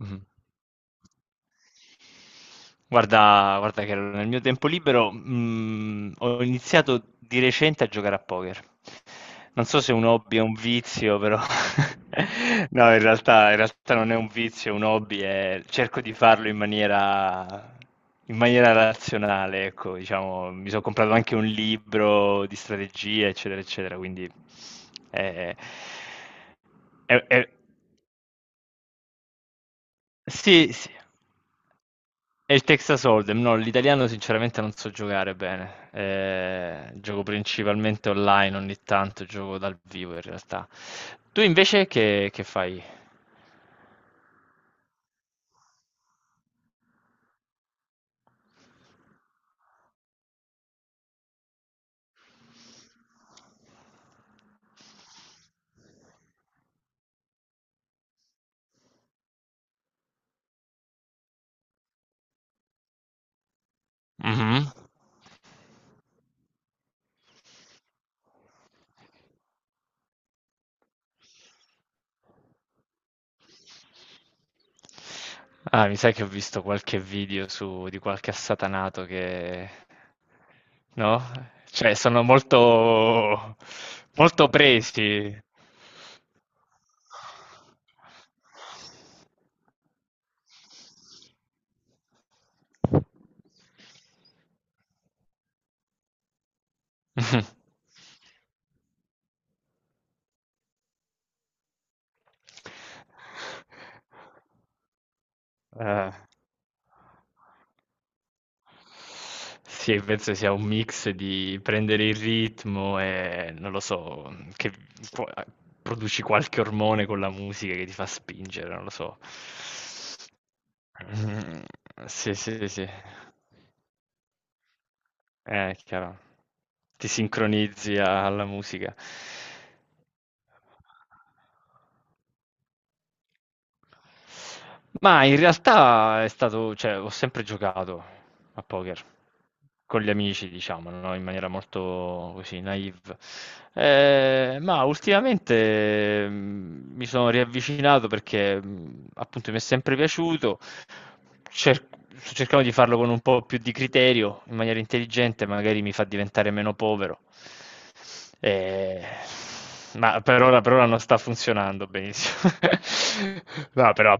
Mh-mh. Guarda, guarda che nel mio tempo libero, ho iniziato di recente a giocare a poker. Non so se è un hobby è un vizio, però no, in realtà non è un vizio, è un hobby, cerco di farlo in maniera razionale, ecco, diciamo, mi sono comprato anche un libro di strategia, eccetera, eccetera, quindi eh, è- è- sì, sì. E il Texas Hold'em, no, l'italiano sinceramente non so giocare bene. Gioco principalmente online, ogni tanto gioco dal vivo in realtà. Tu invece che fai? Mhm. Ah, mi sa che ho visto qualche video su, di qualche assatanato che... No? Cioè, sono molto, molto presi. Eh. Sì, penso sia un mix di prendere il ritmo e non lo so, che po a produci qualche ormone con la musica che ti fa spingere, non lo so. Mh, sì, sì, sì. È chiaro. Ti sincronizzi alla musica. Ma in realtà è stato, cioè, ho sempre giocato a poker con gli amici, diciamo, no, in maniera molto così naïve. Ma ultimamente mi sono riavvicinato perché appunto mi è sempre piaciuto. cer- Sto cercando di farlo con un po' più di criterio, in maniera intelligente, magari mi fa diventare meno povero. Eh, ma per ora non sta funzionando benissimo. No, però...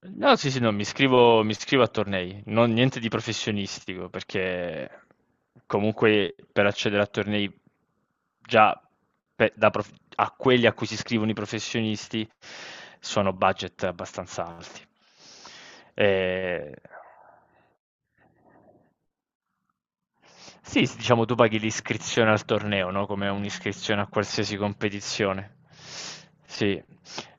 No, sì, sì, no, mi iscrivo a tornei, non, niente di professionistico, perché comunque per accedere a tornei già a quelli a cui si iscrivono i professionisti sono budget abbastanza alti. Eh, sì, s diciamo tu paghi l'iscrizione al torneo, no, come un'iscrizione a qualsiasi competizione. Sì.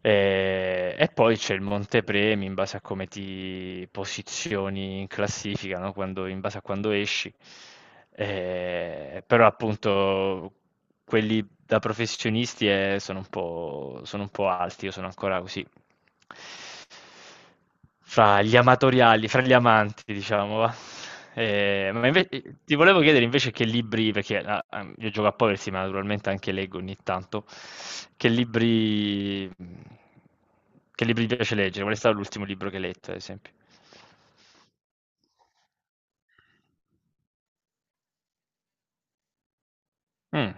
E poi c'è il montepremi in base a come ti posizioni in classifica, no, quando in base a quando esci. Però appunto quelli da professionisti, sono un po' alti, io sono ancora così fra gli amatoriali, fra gli amanti diciamo va. Ma inve ti volevo chiedere invece che libri, perché a a io gioco a Poverty, ma naturalmente anche leggo ogni tanto. che libri mhmm, che libri ti piace leggere? Qual è stato l'ultimo libro che hai letto, ad esempio? Mh,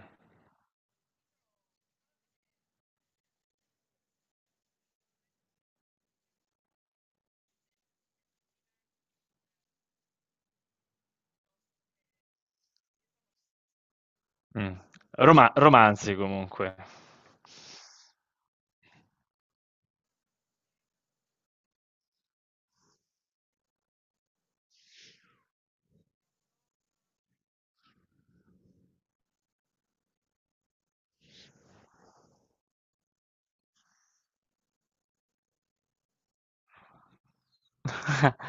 mh. Romanzi comunque.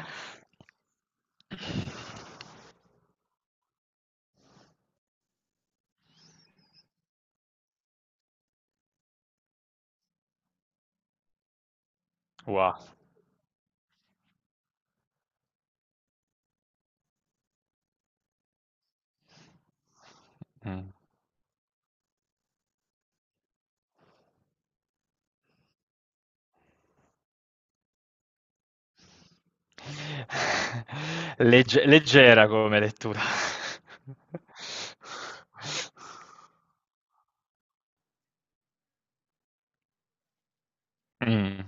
Wow. Mh. Leggera come lettura. Mh.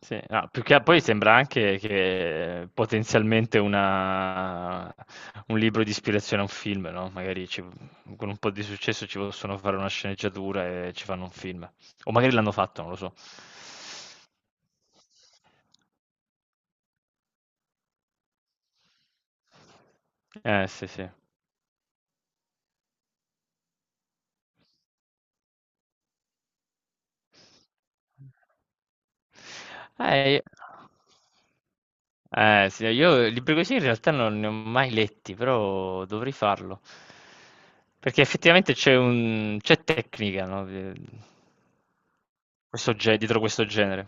Sì, no, più che a poi sembra anche che potenzialmente una, un libro di ispirazione a un film, no, magari con un po' di successo ci possono fare una sceneggiatura e ci fanno un film. O magari l'hanno fatto, non lo so. Sì, sì. Eh, io- sì, io libri così in realtà non ne ho mai letti, però dovrei farlo. Perché effettivamente c'è tecnica, no? Dietro questo genere.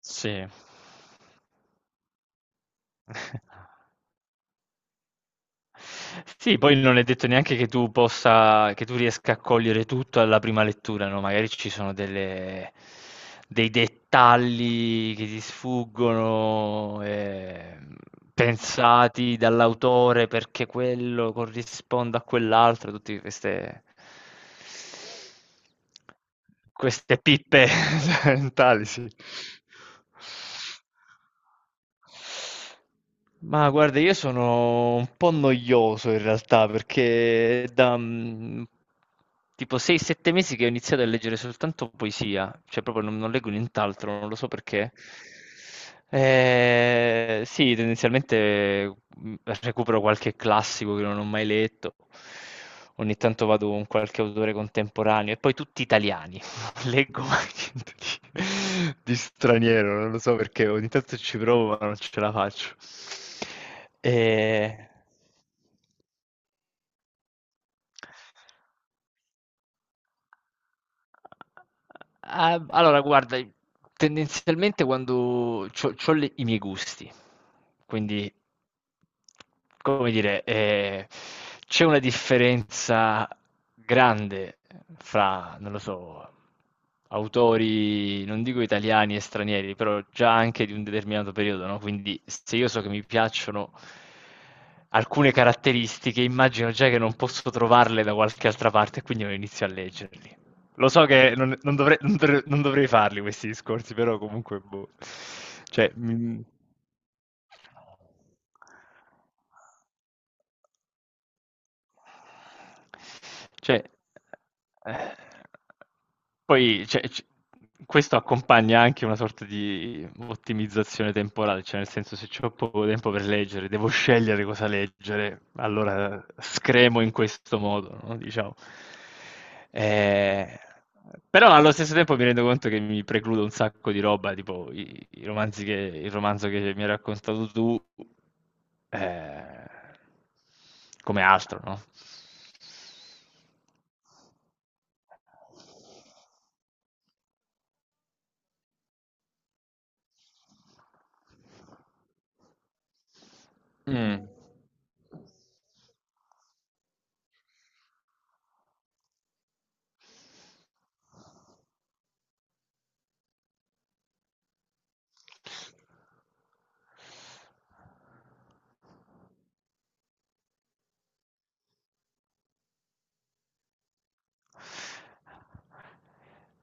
Sì. Sì, poi non è detto neanche che tu possa, che tu riesca a cogliere tutto alla prima lettura, no? Magari ci sono dei dettagli che ti sfuggono, pensati dall'autore perché quello corrisponda a quell'altro, tutte queste, queste pippe mentali, sì. Ma guarda, io sono un po' noioso in realtà perché è da tipo 6-7 mesi che ho iniziato a leggere soltanto poesia, cioè proprio non leggo nient'altro, non lo so perché. Sì, tendenzialmente mm, recupero qualche classico che non ho mai letto, ogni tanto vado con qualche autore contemporaneo e poi tutti italiani. Leggo mai niente di, di straniero, non lo so perché ogni tanto ci provo ma non ce la faccio. E... Ah, allora, guarda, tendenzialmente quando c'ho i miei gusti, quindi, come dire, c'è una differenza grande fra, non lo so, autori, non dico italiani e stranieri, però già anche di un determinato periodo, no? Quindi se io so che mi piacciono alcune caratteristiche, immagino già che non posso trovarle da qualche altra parte, quindi non inizio a leggerli. Lo so che non dovrei, non dovrei farli questi discorsi, però comunque, boh. Cioè, mi- cioè, eh, poi cioè, questo accompagna anche una sorta di ottimizzazione temporale, cioè nel senso se ho poco tempo per leggere, devo scegliere cosa leggere, allora scremo in questo modo, no? Diciamo. Eh, però allo stesso tempo mi rendo conto che mi precludo un sacco di roba, tipo i romanzi il romanzo che mi hai raccontato tu. eh, Come altro, no? Mm.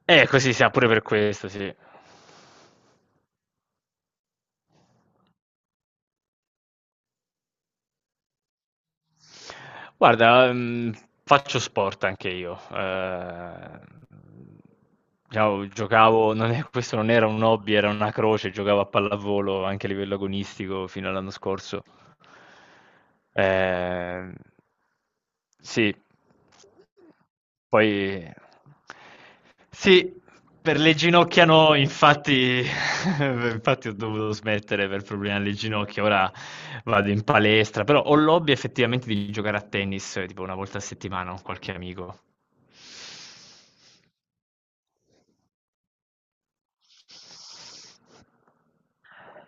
Così sia pure per questo, sì. Guarda, faccio sport anche io. Diciamo, giocavo, non è- questo non era un hobby, era una croce, giocavo a pallavolo anche a livello agonistico fino all'anno scorso. Eh, sì, poi sì, per le ginocchia no, infatti, infatti ho dovuto smettere per problemi alle ginocchia, ora vado in palestra, però ho l'hobby effettivamente di giocare a tennis, tipo 1 volta a settimana con qualche amico.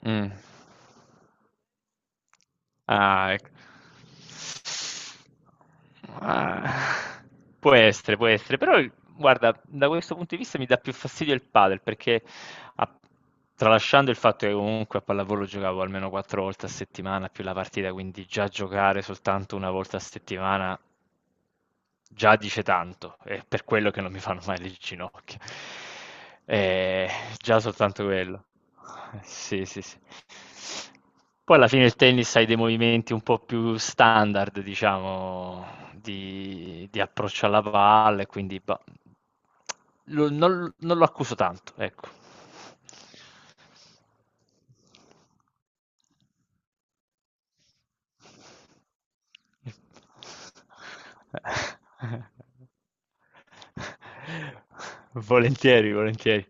Mm. Ah, ecco. Ah, può essere, può essere, però guarda, da questo punto di vista mi dà più fastidio il padel, perché a- tralasciando il fatto che comunque a pallavolo giocavo almeno 4 volte a settimana più la partita, quindi già giocare soltanto 1 volta a settimana già dice tanto, è per quello che non mi fanno mai le ginocchia. Eh, Già soltanto quello. Sì, sì, sì. Poi alla fine il tennis hai dei movimenti un po' più standard, diciamo, di approccio alla palla, e quindi bah, non lo accuso tanto, ecco. Volentieri, volentieri.